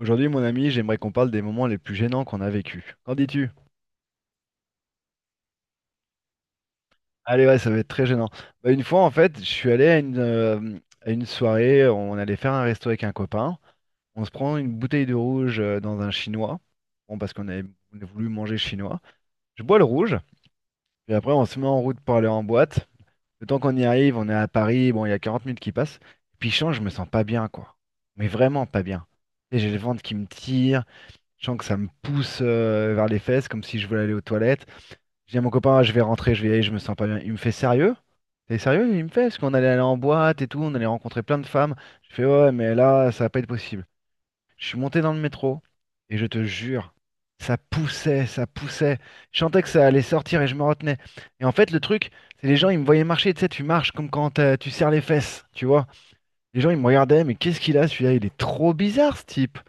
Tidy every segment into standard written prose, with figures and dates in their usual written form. Aujourd'hui, mon ami, j'aimerais qu'on parle des moments les plus gênants qu'on a vécus. Qu'en dis-tu? Allez, ouais, ça va être très gênant. Bah, une fois, en fait, je suis allé à une soirée, on allait faire un resto avec un copain. On se prend une bouteille de rouge dans un chinois. Bon, parce qu'on avait, on a voulu manger chinois. Je bois le rouge, puis après, on se met en route pour aller en boîte. Le temps qu'on y arrive, on est à Paris, bon, il y a 40 minutes qui passent. Puis, change, je me sens pas bien, quoi. Mais vraiment pas bien. Et j'ai le ventre qui me tire, je sens que ça me pousse vers les fesses, comme si je voulais aller aux toilettes. Je dis à mon copain, ah, je vais rentrer, je vais y aller, je me sens pas bien. Il me fait sérieux? T'es sérieux? Il me fait, parce qu'on allait aller en boîte et tout, on allait rencontrer plein de femmes. Je fais, ouais, mais là, ça va pas être possible. Je suis monté dans le métro et je te jure, ça poussait, ça poussait. Je sentais que ça allait sortir et je me retenais. Et en fait, le truc, c'est les gens, ils me voyaient marcher, tu sais, tu marches comme quand tu serres les fesses, tu vois. Les gens, ils me regardaient, mais qu'est-ce qu'il a celui-là? Il est trop bizarre, ce type.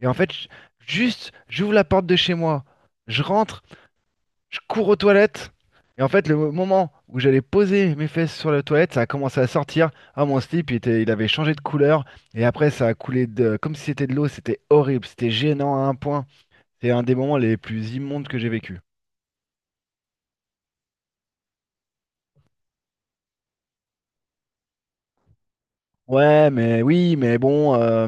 Et en fait, juste, j'ouvre la porte de chez moi, je rentre, je cours aux toilettes. Et en fait, le moment où j'allais poser mes fesses sur la toilette, ça a commencé à sortir. Ah, mon slip, il était, il avait changé de couleur. Et après, ça a coulé de, comme si c'était de l'eau. C'était horrible, c'était gênant à un point. C'est un des moments les plus immondes que j'ai vécu. Ouais, mais oui, mais bon,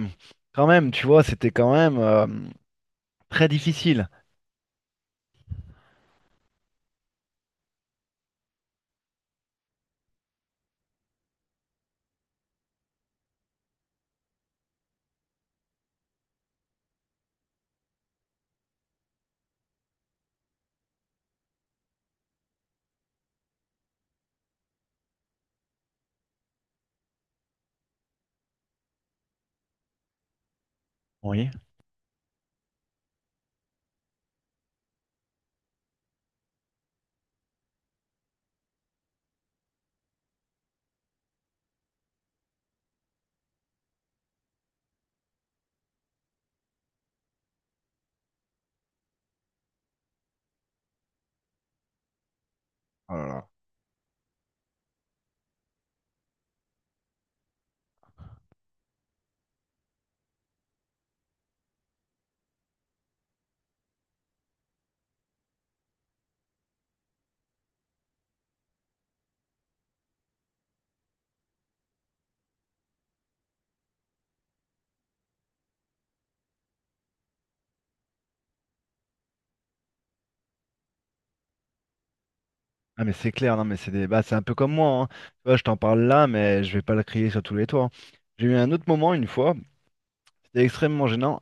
quand même, tu vois, c'était quand même très difficile. Oui. Ah mais c'est clair, non mais c'est des... bah, c'est un peu comme moi, hein. Tu vois, je t'en parle là, mais je vais pas le crier sur tous les toits, hein. J'ai eu un autre moment une fois, c'était extrêmement gênant.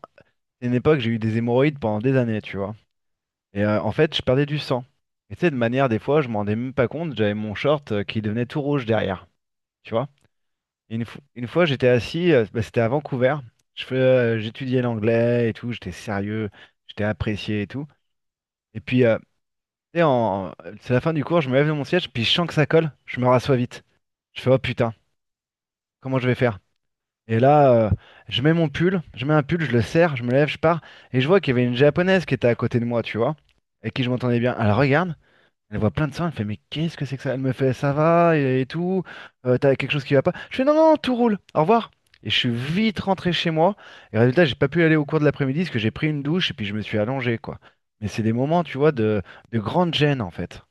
C'est une époque, j'ai eu des hémorroïdes pendant des années, tu vois. Et en fait, je perdais du sang. Et tu sais, de manière, des fois, je m'en rendais même pas compte, j'avais mon short qui devenait tout rouge derrière, tu vois. Et une, une fois, j'étais assis, bah, c'était à Vancouver, je fais, j'étudiais l'anglais et tout, j'étais sérieux, j'étais apprécié et tout. Et puis, tu sais, en... c'est la fin du cours, je me lève de mon siège, puis je sens que ça colle, je me rassois vite. Je fais, oh putain, comment je vais faire? Et là, je mets mon pull, je mets un pull, je le serre, je me lève, je pars, et je vois qu'il y avait une japonaise qui était à côté de moi, tu vois, et qui je m'entendais bien. Elle regarde, elle voit plein de sang, elle fait, mais qu'est-ce que c'est que ça? Elle me fait, ça va, et tout, t'as quelque chose qui va pas? Je fais, non, non, tout roule, au revoir. Et je suis vite rentré chez moi, et résultat, j'ai pas pu aller au cours de l'après-midi parce que j'ai pris une douche et puis je me suis allongé, quoi. Mais c'est des moments, tu vois, de grande gêne, en fait.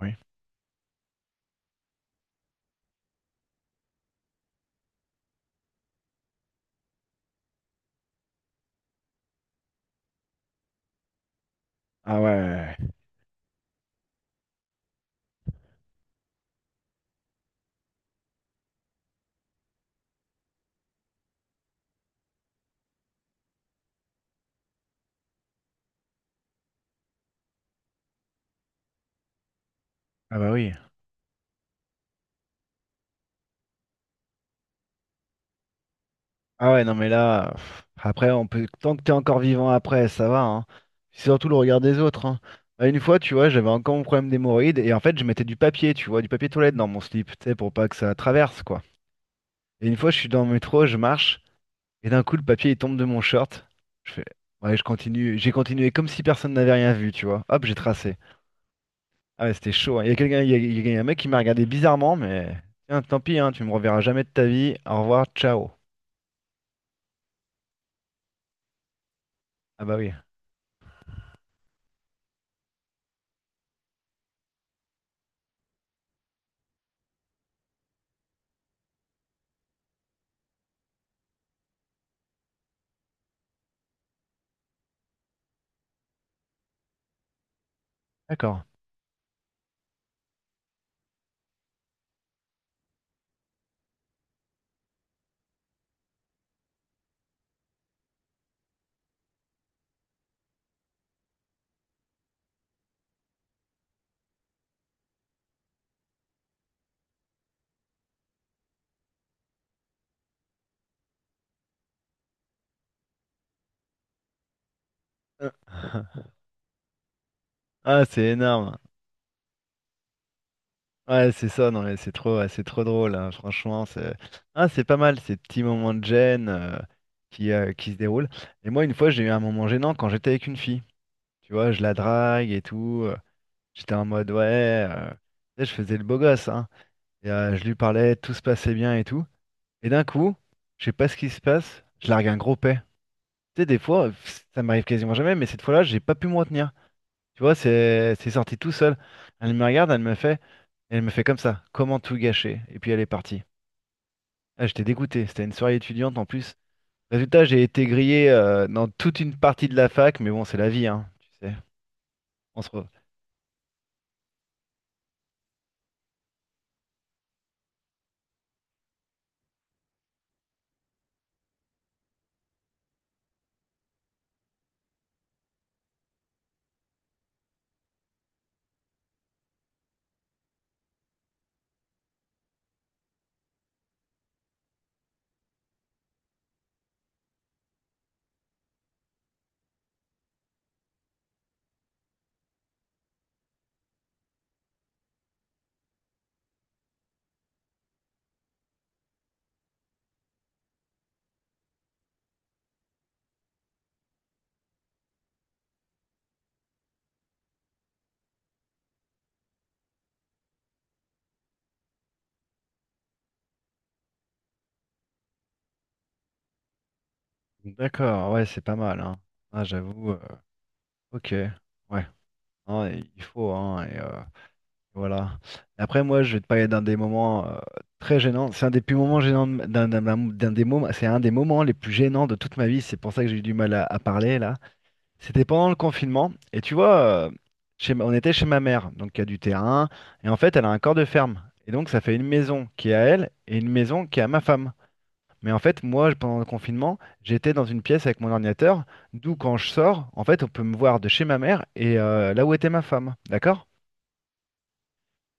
Oui. Ah ouais, ouais, ouais. Ah bah oui. Ah ouais, non mais là, pff, après, on peut, tant que t'es encore vivant après, ça va, hein. C'est surtout le regard des autres, hein. Bah, une fois, tu vois, j'avais encore mon problème d'hémorroïdes et en fait, je mettais du papier, tu vois, du papier toilette dans mon slip, tu sais, pour pas que ça traverse, quoi. Et une fois, je suis dans le métro, je marche et d'un coup, le papier, il tombe de mon short. Je fais, ouais, je continue, j'ai continué comme si personne n'avait rien vu, tu vois. Hop, j'ai tracé. Ah ouais, c'était chaud, hein. Il y a quelqu'un, il y a un mec qui m'a regardé bizarrement, mais tiens, tant pis, hein, tu me reverras jamais de ta vie. Au revoir, ciao. Ah bah oui, d'accord. Euh. Ah, c'est énorme. Ouais, c'est ça, non, mais c'est trop, ouais, c'est trop drôle, hein, franchement. C'est ah, c'est pas mal, ces petits moments de gêne qui se déroulent. Et moi, une fois, j'ai eu un moment gênant quand j'étais avec une fille. Tu vois, je la drague et tout. J'étais en mode, ouais, tu sais, je faisais le beau gosse, hein. Et, je lui parlais, tout se passait bien et tout. Et d'un coup, je sais pas ce qui se passe, je largue un gros paix. Tu sais, des fois, pff, ça m'arrive quasiment jamais, mais cette fois-là, j'ai pas pu me retenir. Tu vois, c'est sorti tout seul. Elle me regarde, elle me fait comme ça. Comment tout gâcher? Et puis elle est partie. Ah, j'étais dégoûté. C'était une soirée étudiante en plus. Résultat, j'ai été grillé dans toute une partie de la fac, mais bon, c'est la vie, hein. Tu sais. On se re- D'accord, ouais, c'est pas mal, hein. Ah, j'avoue. Ok, ouais. Non, et il faut, hein. Et, voilà. Et après, moi, je vais te parler d'un des moments très gênants. C'est un des plus moments gênants, d'un des moments. C'est un des moments les plus gênants de toute ma vie. C'est pour ça que j'ai eu du mal à parler là. C'était pendant le confinement. Et tu vois, on était chez ma mère, donc il y a du terrain. Et en fait, elle a un corps de ferme. Et donc, ça fait une maison qui est à elle et une maison qui est à ma femme. Mais en fait, moi, pendant le confinement, j'étais dans une pièce avec mon ordinateur. D'où, quand je sors, en fait, on peut me voir de chez ma mère et là où était ma femme. D'accord?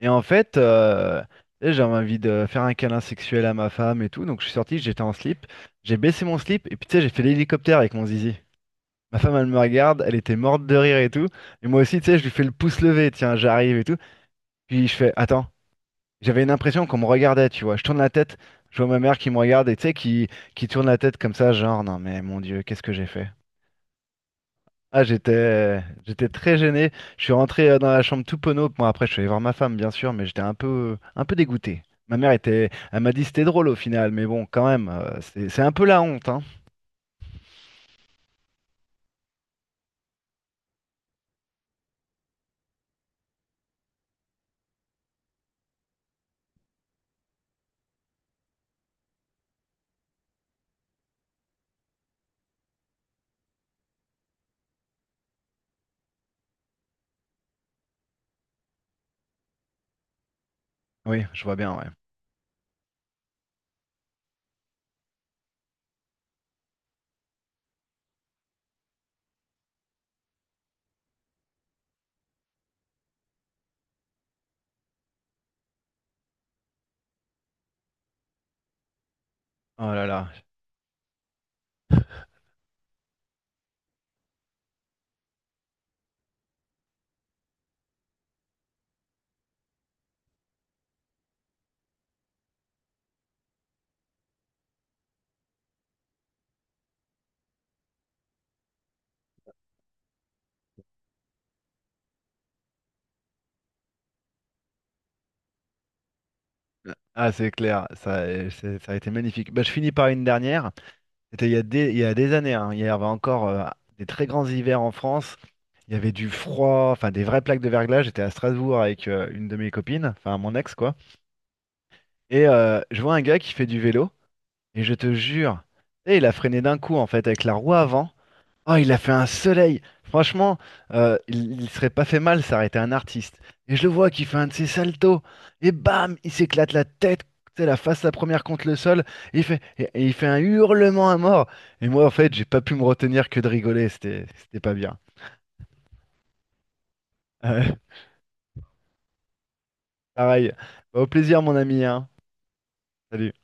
Et en fait, tu sais, j'avais envie de faire un câlin sexuel à ma femme et tout. Donc, je suis sorti, j'étais en slip. J'ai baissé mon slip et puis, tu sais, j'ai fait l'hélicoptère avec mon zizi. Ma femme, elle me regarde, elle était morte de rire et tout. Et moi aussi, tu sais, je lui fais le pouce levé, tiens, j'arrive et tout. Puis je fais, attends, j'avais une impression qu'on me regardait, tu vois. Je tourne la tête, je vois ma mère qui me regarde et tu sais, qui tourne la tête comme ça, genre, non mais mon Dieu, qu'est-ce que j'ai fait? Ah, j'étais, j'étais très gêné. Je suis rentré dans la chambre tout penaud. Bon, après, je suis allé voir ma femme, bien sûr, mais j'étais un peu dégoûté. Ma mère était, elle m'a dit c'était drôle au final, mais bon, quand même, c'est un peu la honte, hein. Oui, je vois bien, ouais. Oh là là. Ah, c'est clair, ça, c'est- ça a été magnifique. Bah, je finis par une dernière. C'était il y a des, il y a des années, hein. Il y avait encore des très grands hivers en France. Il y avait du froid, enfin des vraies plaques de verglas. J'étais à Strasbourg avec une de mes copines, enfin mon ex quoi. Et je vois un gars qui fait du vélo, et je te jure, tu sais, il a freiné d'un coup en fait avec la roue avant. Oh, il a fait un soleil. Franchement, il serait pas fait mal s'arrêter un artiste. Et je le vois qui fait un de ses saltos. Et bam, il s'éclate la tête, c'est la face la première contre le sol. Et il fait, et il fait un hurlement à mort. Et moi, en fait, j'ai pas pu me retenir que de rigoler. C'était, c'était pas bien. Euh, pareil. Bah, au plaisir, mon ami, hein. Salut.